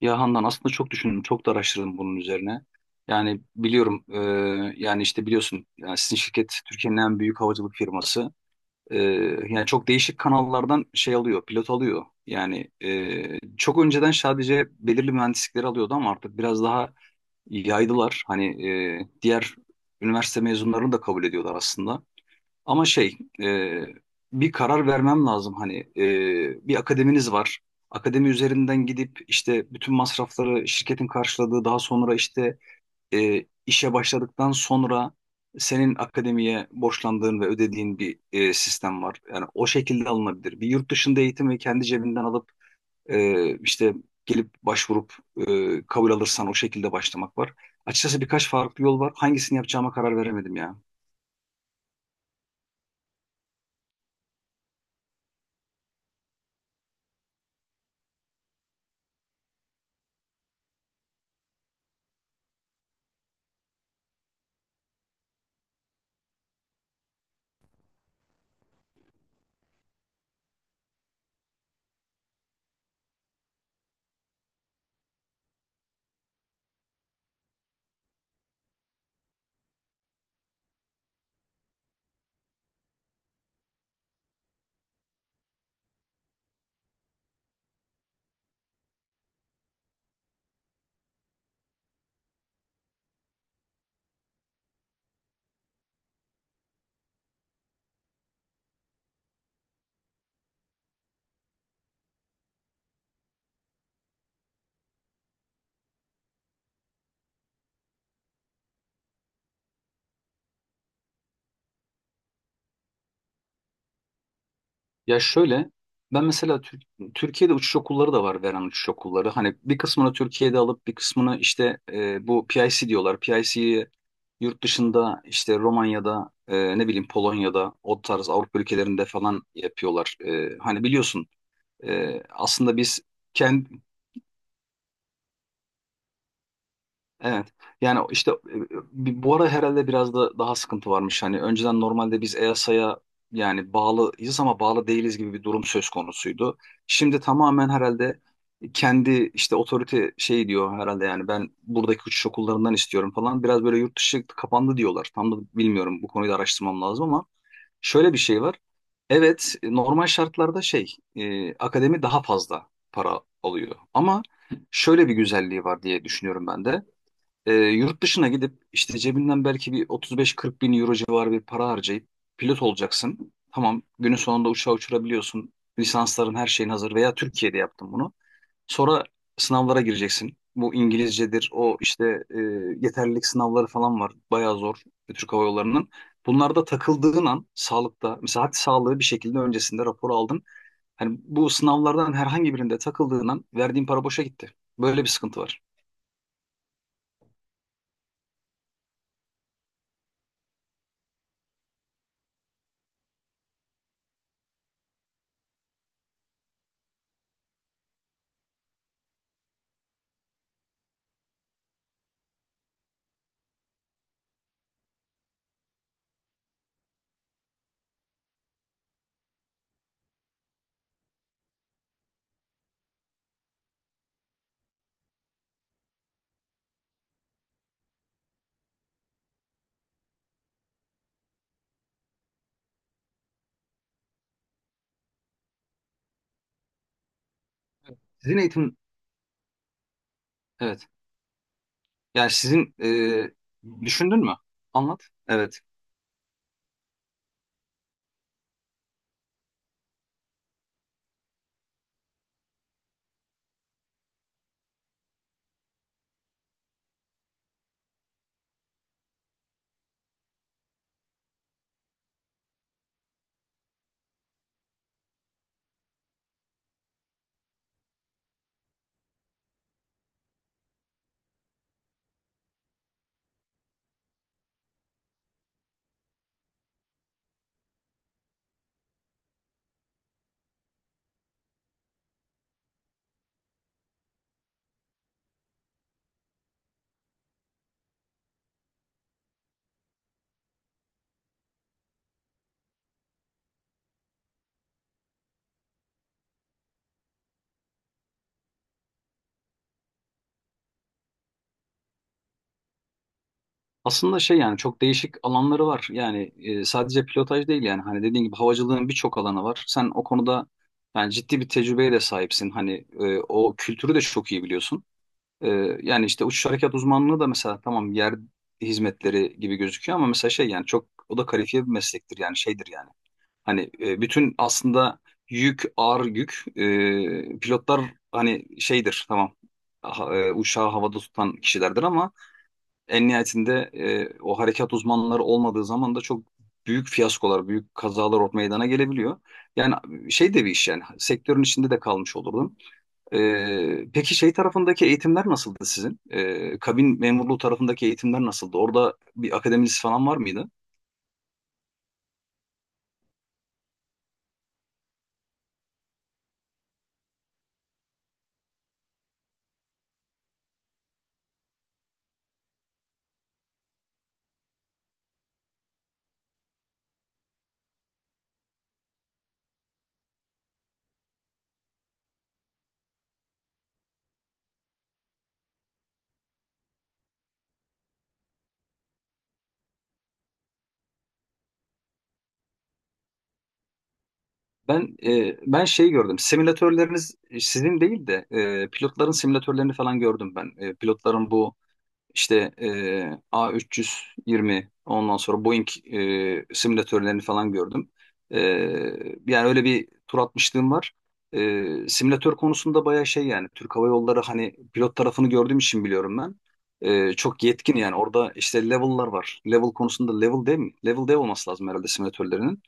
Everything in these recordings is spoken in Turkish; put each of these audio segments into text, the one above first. Ya Handan aslında çok düşündüm, çok da araştırdım bunun üzerine. Yani biliyorum, yani işte biliyorsun, yani sizin şirket Türkiye'nin en büyük havacılık firması. E, yani çok değişik kanallardan şey alıyor, pilot alıyor. Yani çok önceden sadece belirli mühendislikleri alıyordu ama artık biraz daha yaydılar. Hani diğer üniversite mezunlarını da kabul ediyorlar aslında. Ama şey bir karar vermem lazım, hani bir akademiniz var. Akademi üzerinden gidip işte bütün masrafları şirketin karşıladığı, daha sonra işte işe başladıktan sonra senin akademiye borçlandığın ve ödediğin bir sistem var. Yani o şekilde alınabilir. Bir yurt dışında eğitimi kendi cebinden alıp işte gelip başvurup kabul alırsan o şekilde başlamak var. Açıkçası birkaç farklı yol var. Hangisini yapacağıma karar veremedim ya. Ya şöyle, ben mesela Türkiye'de uçuş okulları da var, veren uçuş okulları. Hani bir kısmını Türkiye'de alıp bir kısmını işte, bu PIC diyorlar. PIC'yi yurt dışında işte Romanya'da, ne bileyim Polonya'da, o tarz Avrupa ülkelerinde falan yapıyorlar. Hani biliyorsun, aslında biz... Evet. Yani işte, bu ara herhalde biraz da daha sıkıntı varmış. Hani önceden normalde biz EASA'ya yani bağlıyız ama bağlı değiliz gibi bir durum söz konusuydu. Şimdi tamamen herhalde kendi işte otorite şey diyor herhalde, yani ben buradaki uçuş okullarından istiyorum falan. Biraz böyle yurt dışı kapandı diyorlar. Tam da bilmiyorum, bu konuyu da araştırmam lazım ama şöyle bir şey var. Evet, normal şartlarda şey, akademi daha fazla para alıyor ama şöyle bir güzelliği var diye düşünüyorum ben de. Yurt dışına gidip işte cebinden belki bir 35-40 bin euro civarı bir para harcayıp pilot olacaksın. Tamam, günün sonunda uçağı uçurabiliyorsun. Lisansların her şeyin hazır veya Türkiye'de yaptın bunu. Sonra sınavlara gireceksin. Bu İngilizcedir, o işte yeterlilik sınavları falan var. Bayağı zor Türk Hava Yolları'nın. Bunlarda takıldığın an sağlıkta, mesela hadi sağlığı bir şekilde öncesinde rapor aldın. Hani bu sınavlardan herhangi birinde takıldığın an verdiğin para boşa gitti. Böyle bir sıkıntı var. Sizin eğitim, evet. Yani sizin, düşündün mü? Anlat. Evet. Aslında şey, yani çok değişik alanları var. Yani sadece pilotaj değil, yani hani dediğin gibi havacılığın birçok alanı var. Sen o konuda yani ciddi bir tecrübeye de sahipsin. Hani o kültürü de çok iyi biliyorsun. E, yani işte uçuş harekat uzmanlığı da mesela tamam, yer hizmetleri gibi gözüküyor ama mesela şey, yani çok o da kalifiye bir meslektir, yani şeydir yani. Hani bütün aslında yük, ağır yük. Pilotlar hani şeydir tamam. Uçağı havada tutan kişilerdir ama en nihayetinde o harekat uzmanları olmadığı zaman da çok büyük fiyaskolar, büyük kazalar meydana gelebiliyor. Yani şey de bir iş, yani sektörün içinde de kalmış olurdum. Peki şey tarafındaki eğitimler nasıldı sizin? Kabin memurluğu tarafındaki eğitimler nasıldı? Orada bir akademiniz falan var mıydı? Ben şey gördüm. Simülatörleriniz, sizin değil de pilotların simülatörlerini falan gördüm ben. Pilotların bu işte, e, A320, ondan sonra Boeing, simülatörlerini falan gördüm. E, yani öyle bir tur atmışlığım var. Simülatör konusunda bayağı şey, yani Türk Hava Yolları hani pilot tarafını gördüğüm için biliyorum ben. Çok yetkin yani, orada işte level'lar var. Level konusunda level değil mi? Level değil olması lazım herhalde simülatörlerinin.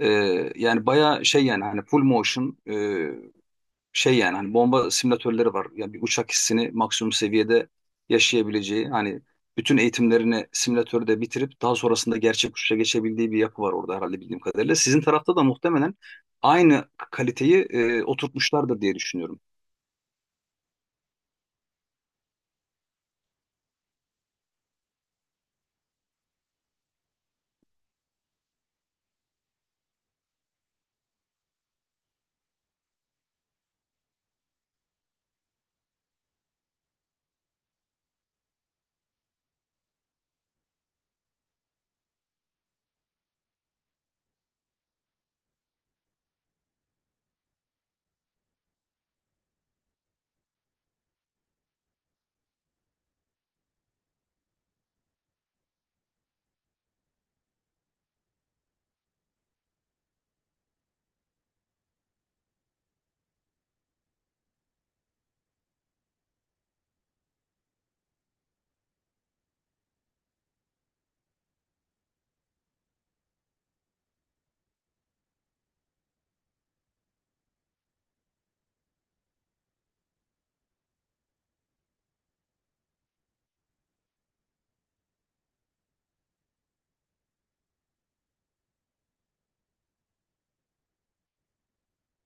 Yani bayağı şey, yani hani full motion, şey, yani hani bomba simülatörleri var. Yani bir uçak hissini maksimum seviyede yaşayabileceği, hani bütün eğitimlerini simülatörde bitirip daha sonrasında gerçek uçuşa geçebildiği bir yapı var orada herhalde, bildiğim kadarıyla. Sizin tarafta da muhtemelen aynı kaliteyi oturtmuşlardır diye düşünüyorum.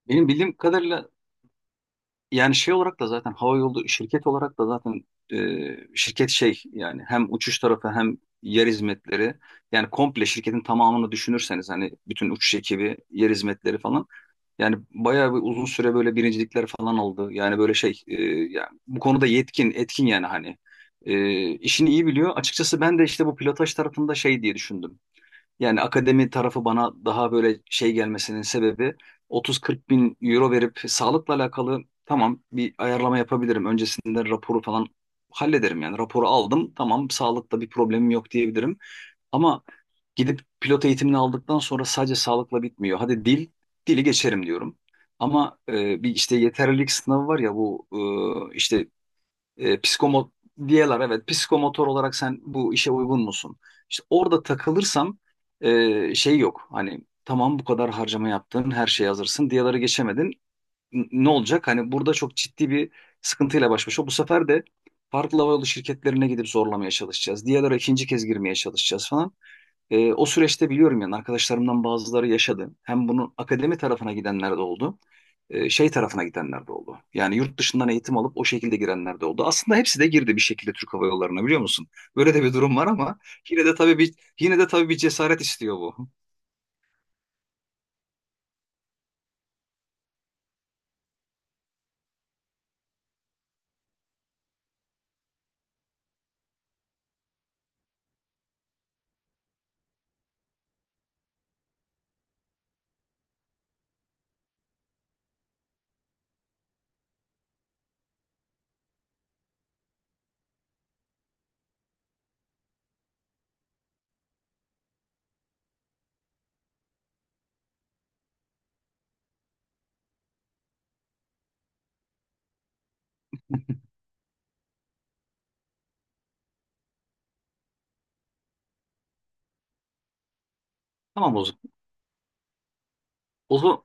Benim bildiğim kadarıyla, yani şey olarak da zaten, hava yolu şirket olarak da zaten e, şirket, şey yani hem uçuş tarafı hem yer hizmetleri, yani komple şirketin tamamını düşünürseniz, hani bütün uçuş ekibi, yer hizmetleri falan, yani bayağı bir uzun süre böyle birincilikler falan aldı. Yani böyle şey, yani bu konuda yetkin, etkin, yani hani, işini iyi biliyor. Açıkçası ben de işte bu pilotaj tarafında şey diye düşündüm. Yani akademi tarafı bana daha böyle şey gelmesinin sebebi, 30-40 bin euro verip, sağlıkla alakalı tamam bir ayarlama yapabilirim. Öncesinde raporu falan hallederim, yani raporu aldım, tamam, sağlıkta bir problemim yok diyebilirim. Ama gidip pilot eğitimini aldıktan sonra sadece sağlıkla bitmiyor. Hadi dil, dili geçerim diyorum. Ama bir işte yeterlilik sınavı var ya, bu işte, e, psikomo diyorlar evet, psikomotor olarak sen bu işe uygun musun? İşte orada takılırsam şey yok. Hani tamam, bu kadar harcama yaptın, her şeye hazırsın. Diyaları geçemedin. Ne olacak? Hani burada çok ciddi bir sıkıntıyla baş başa. Bu sefer de farklı havayolu şirketlerine gidip zorlamaya çalışacağız. Diyalara ikinci kez girmeye çalışacağız falan. O süreçte biliyorum, yani arkadaşlarımdan bazıları yaşadı. Hem bunun akademi tarafına gidenler de oldu. Şey tarafına gidenler de oldu. Yani yurt dışından eğitim alıp o şekilde girenler de oldu. Aslında hepsi de girdi bir şekilde Türk Hava Yolları'na, biliyor musun? Böyle de bir durum var ama yine de tabii bir cesaret istiyor bu. Tamam o zaman. O zaman,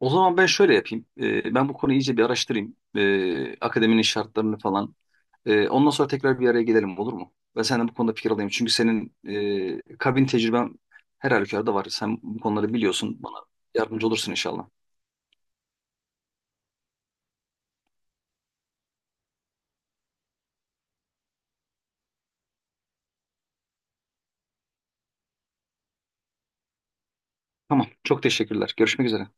o zaman, ben şöyle yapayım. Ben bu konuyu iyice bir araştırayım. Akademinin şartlarını falan... Ondan sonra tekrar bir araya gelelim, olur mu? Ben senden bu konuda fikir alayım. Çünkü senin kabin tecrüben her halükarda var. Sen bu konuları biliyorsun. Bana yardımcı olursun inşallah. Tamam. Çok teşekkürler. Görüşmek üzere.